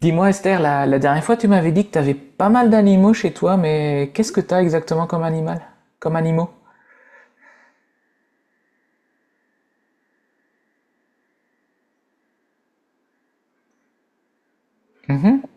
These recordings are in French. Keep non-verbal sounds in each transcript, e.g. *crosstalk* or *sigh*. Dis-moi Esther, la dernière fois tu m'avais dit que tu avais pas mal d'animaux chez toi, mais qu'est-ce que t'as exactement comme animal? Comme animaux? Mhm.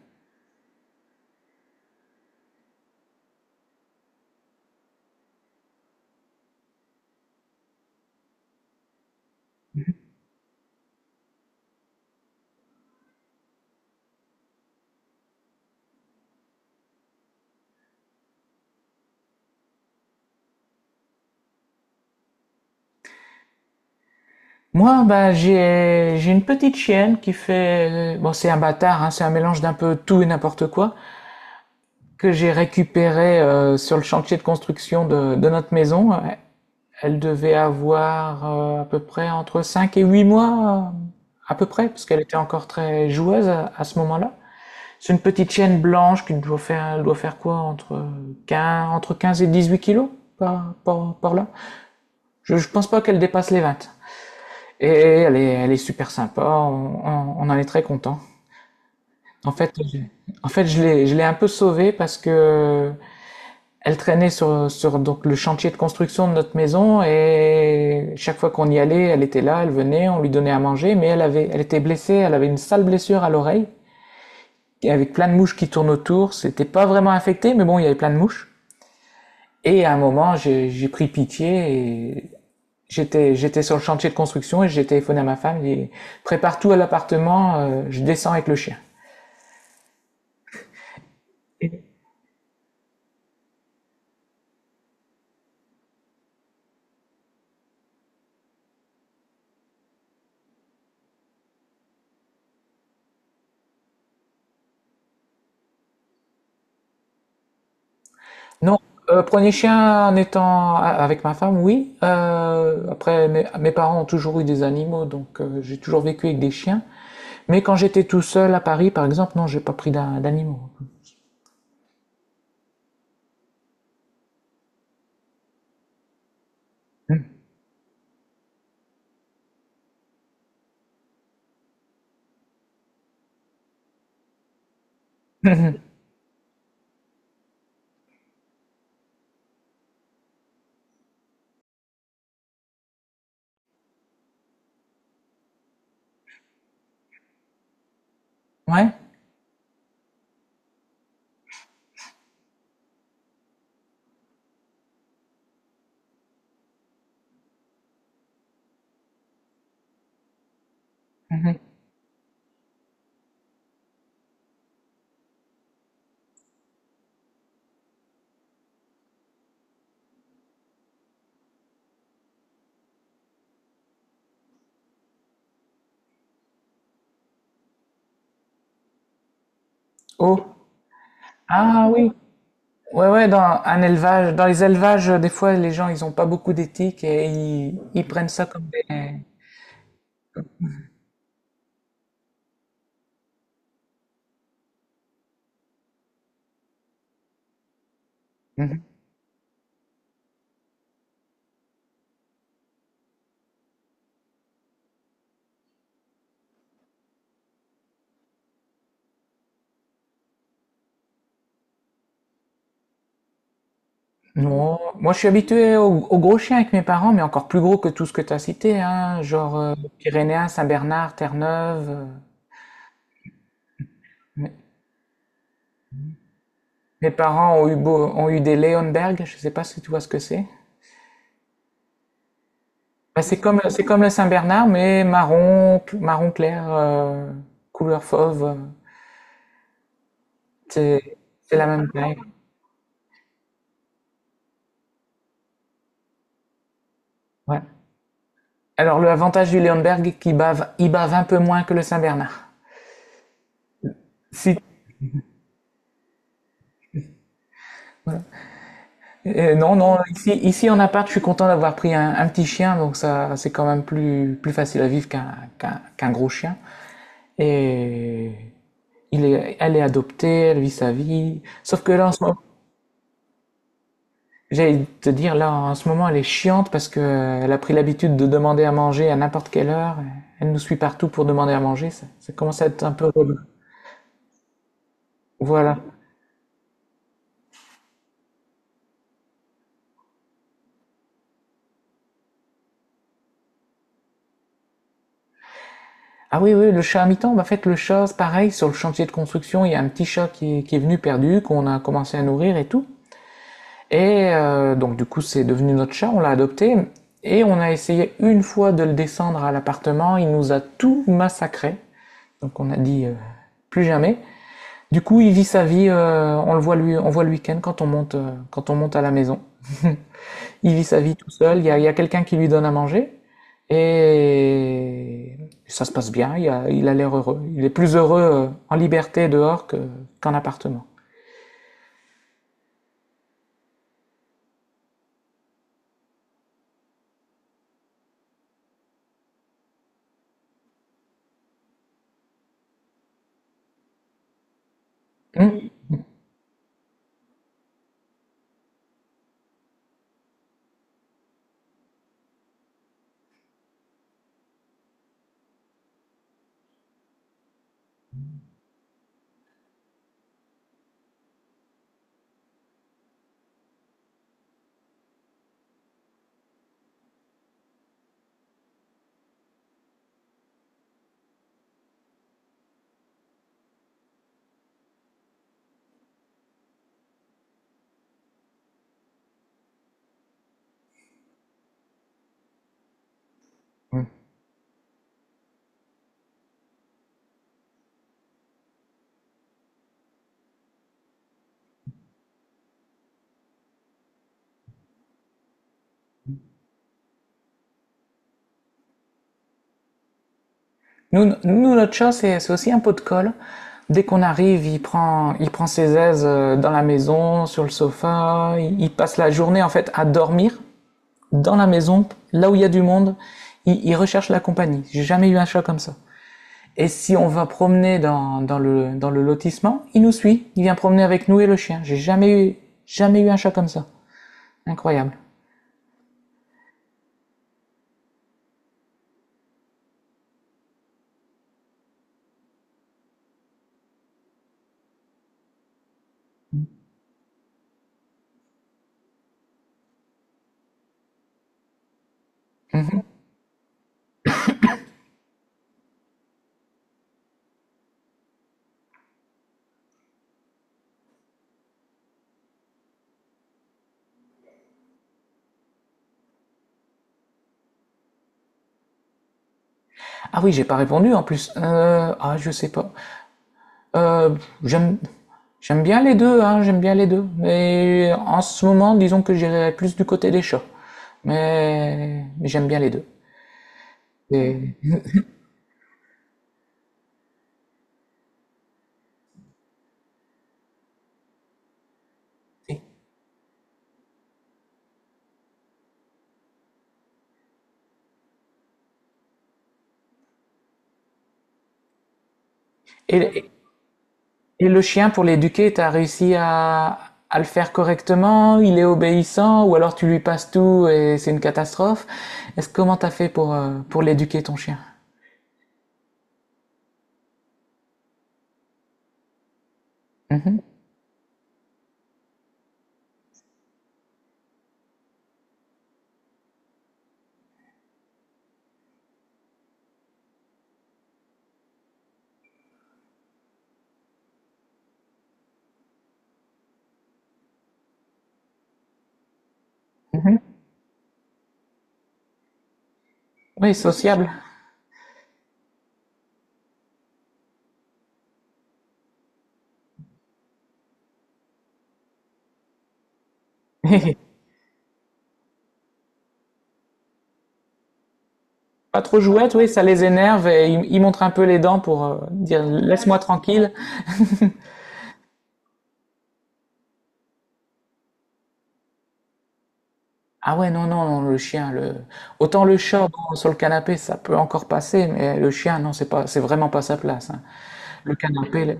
Moi, bah, j'ai une petite chienne qui fait bon, c'est un bâtard, hein, c'est un mélange d'un peu tout et n'importe quoi que j'ai récupéré sur le chantier de construction de notre maison. Elle devait avoir à peu près entre 5 et 8 mois, à peu près, parce qu'elle était encore très joueuse à ce moment-là. C'est une petite chienne blanche qui doit faire quoi entre 15, entre 15 et 18 kilos par là. Je pense pas qu'elle dépasse les 20. Et elle est super sympa, on en est très content. En fait, en fait je l'ai un peu sauvée parce que elle traînait sur donc, le chantier de construction de notre maison et chaque fois qu'on y allait, elle était là, elle venait, on lui donnait à manger, mais elle était blessée, elle avait une sale blessure à l'oreille avec plein de mouches qui tournent autour. C'était pas vraiment infecté, mais bon, il y avait plein de mouches. Et à un moment, j'ai pris pitié et j'étais sur le chantier de construction et j'ai téléphoné à ma femme, j'ai dit prépare tout à l'appartement, je descends avec le chien. Non, prenez chien en étant avec ma femme, oui. Après, mes parents ont toujours eu des animaux, donc j'ai toujours vécu avec des chiens. Mais quand j'étais tout seul à Paris, par exemple, non, j'ai pas pris d'animaux. Ouais. Mhm. Oh. Ah oui. Ouais, ouais, dans un élevage, dans les élevages, des fois, les gens, ils, ont pas beaucoup d'éthique et ils prennent ça comme des... Non, moi, je suis habitué aux au gros chiens avec mes parents, mais encore plus gros que tout ce que tu as cité, hein, genre Pyrénéen, Saint-Bernard, Terre-Neuve. Mes mes parents ont eu des Leonberg, je sais pas si tu vois ce que c'est. Bah, c'est comme le Saint-Bernard, mais marron, marron clair, couleur fauve. C'est c'est la même taille. Ouais. Alors le avantage du Léonberg qui bave, il bave un peu moins que le Saint-Bernard. Si, non, non, ici en appart, je suis content d'avoir pris un petit chien, donc ça, c'est quand même plus facile à vivre qu'un gros chien. Et elle est adoptée, elle vit sa vie. Sauf que là, en ce moment, j'allais te dire, là, en ce moment, elle est chiante parce que elle a pris l'habitude de demander à manger à n'importe quelle heure. Elle nous suit partout pour demander à manger. Ça commence à être un peu relou. Voilà. Ah oui, oui, le chat à mi-temps, bah, en fait, le chat, c'est pareil, sur le chantier de construction, il y a un petit chat qui est venu perdu, qu'on a commencé à nourrir et tout. Et donc, du coup, c'est devenu notre chat, on l'a adopté, et on a essayé une fois de le descendre à l'appartement, il nous a tout massacré. Donc, on a dit plus jamais. Du coup, il vit sa vie, on le voit lui, on voit le week-end quand on monte à la maison. Il vit sa vie tout seul, il y a quelqu'un qui lui donne à manger et ça se passe bien, il a l'air heureux. Il est plus heureux en liberté dehors qu'en appartement. Hmm. Hmm. Nous, notre chat, c'est aussi un pot de colle. Dès qu'on arrive, il prend ses aises dans la maison, sur le sofa. Il passe la journée en fait à dormir dans la maison, là où il y a du monde. Il recherche la compagnie. J'ai jamais eu un chat comme ça. Et si on va promener dans le lotissement, il nous suit, il vient promener avec nous et le chien. J'ai jamais eu, jamais eu un chat comme ça. Incroyable. Ah oui, j'ai pas répondu en plus. Ah, je sais pas. Euh, j'aime, j'aime bien les deux, hein, j'aime bien les deux. Mais en ce moment, disons que j'irais plus du côté des chats. Mais j'aime bien les deux. Et, et- et- Et le chien pour l'éduquer, t'as réussi à le faire correctement? Il est obéissant? Ou alors tu lui passes tout et c'est une catastrophe? Est-ce comment t'as fait pour l'éduquer ton chien? Mhm. Oui, sociable. *laughs* Pas trop jouette, oui, ça les énerve et ils montrent un peu les dents pour dire laisse-moi tranquille. Ah ouais, non, non, non, le chien, le... autant le chat bon, sur le canapé, ça peut encore passer, mais le chien, non, c'est pas, c'est vraiment pas sa place, hein. Le canapé, le-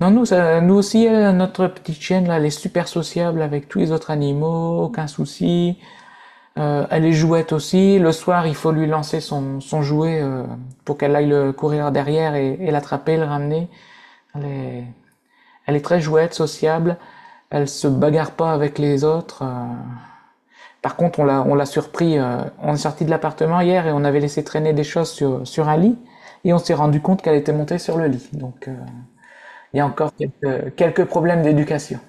Non, nous, nous aussi, notre petite chienne, là, elle est super sociable avec tous les autres animaux, aucun souci. Elle est jouette aussi. Le soir, il faut lui lancer son jouet pour qu'elle aille le courir derrière et l'attraper, le ramener. Elle est, elle est très jouette, sociable. Elle se bagarre pas avec les autres. Par contre, on l'a surpris. On est sorti de l'appartement hier et on avait laissé traîner des choses sur un lit. Et on s'est rendu compte qu'elle était montée sur le lit. Donc, il y a encore quelques problèmes d'éducation.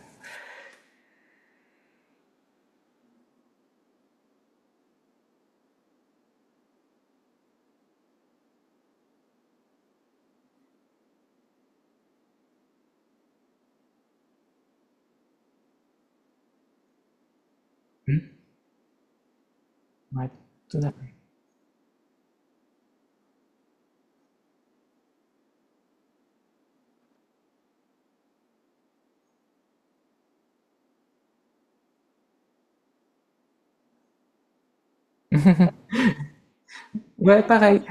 Ouais, tout à fait. Ouais, pareil.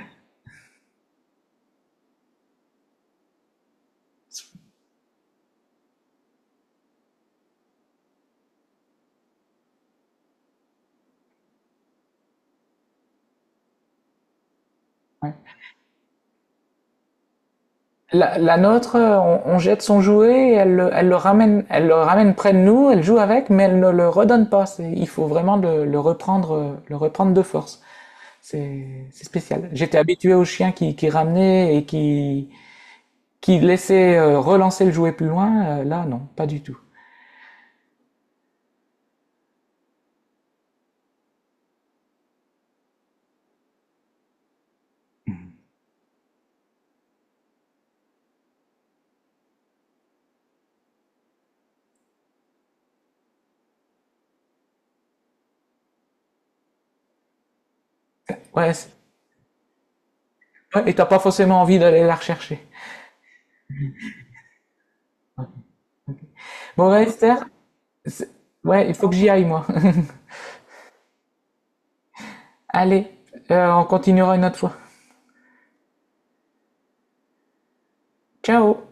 Ouais. La nôtre, on jette son jouet, et elle le ramène près de nous, elle joue avec, mais elle ne le redonne pas. Il faut vraiment le reprendre de force. C'est spécial. J'étais habitué aux chiens qui ramenaient et qui laissaient relancer le jouet plus loin. Là, non, pas du tout. Ouais, ouais, et t'as pas forcément envie d'aller la rechercher. Bon, ouais, Esther, c'est- ouais, il faut que j'y aille, moi. *laughs* Allez, on continuera une autre fois. Ciao!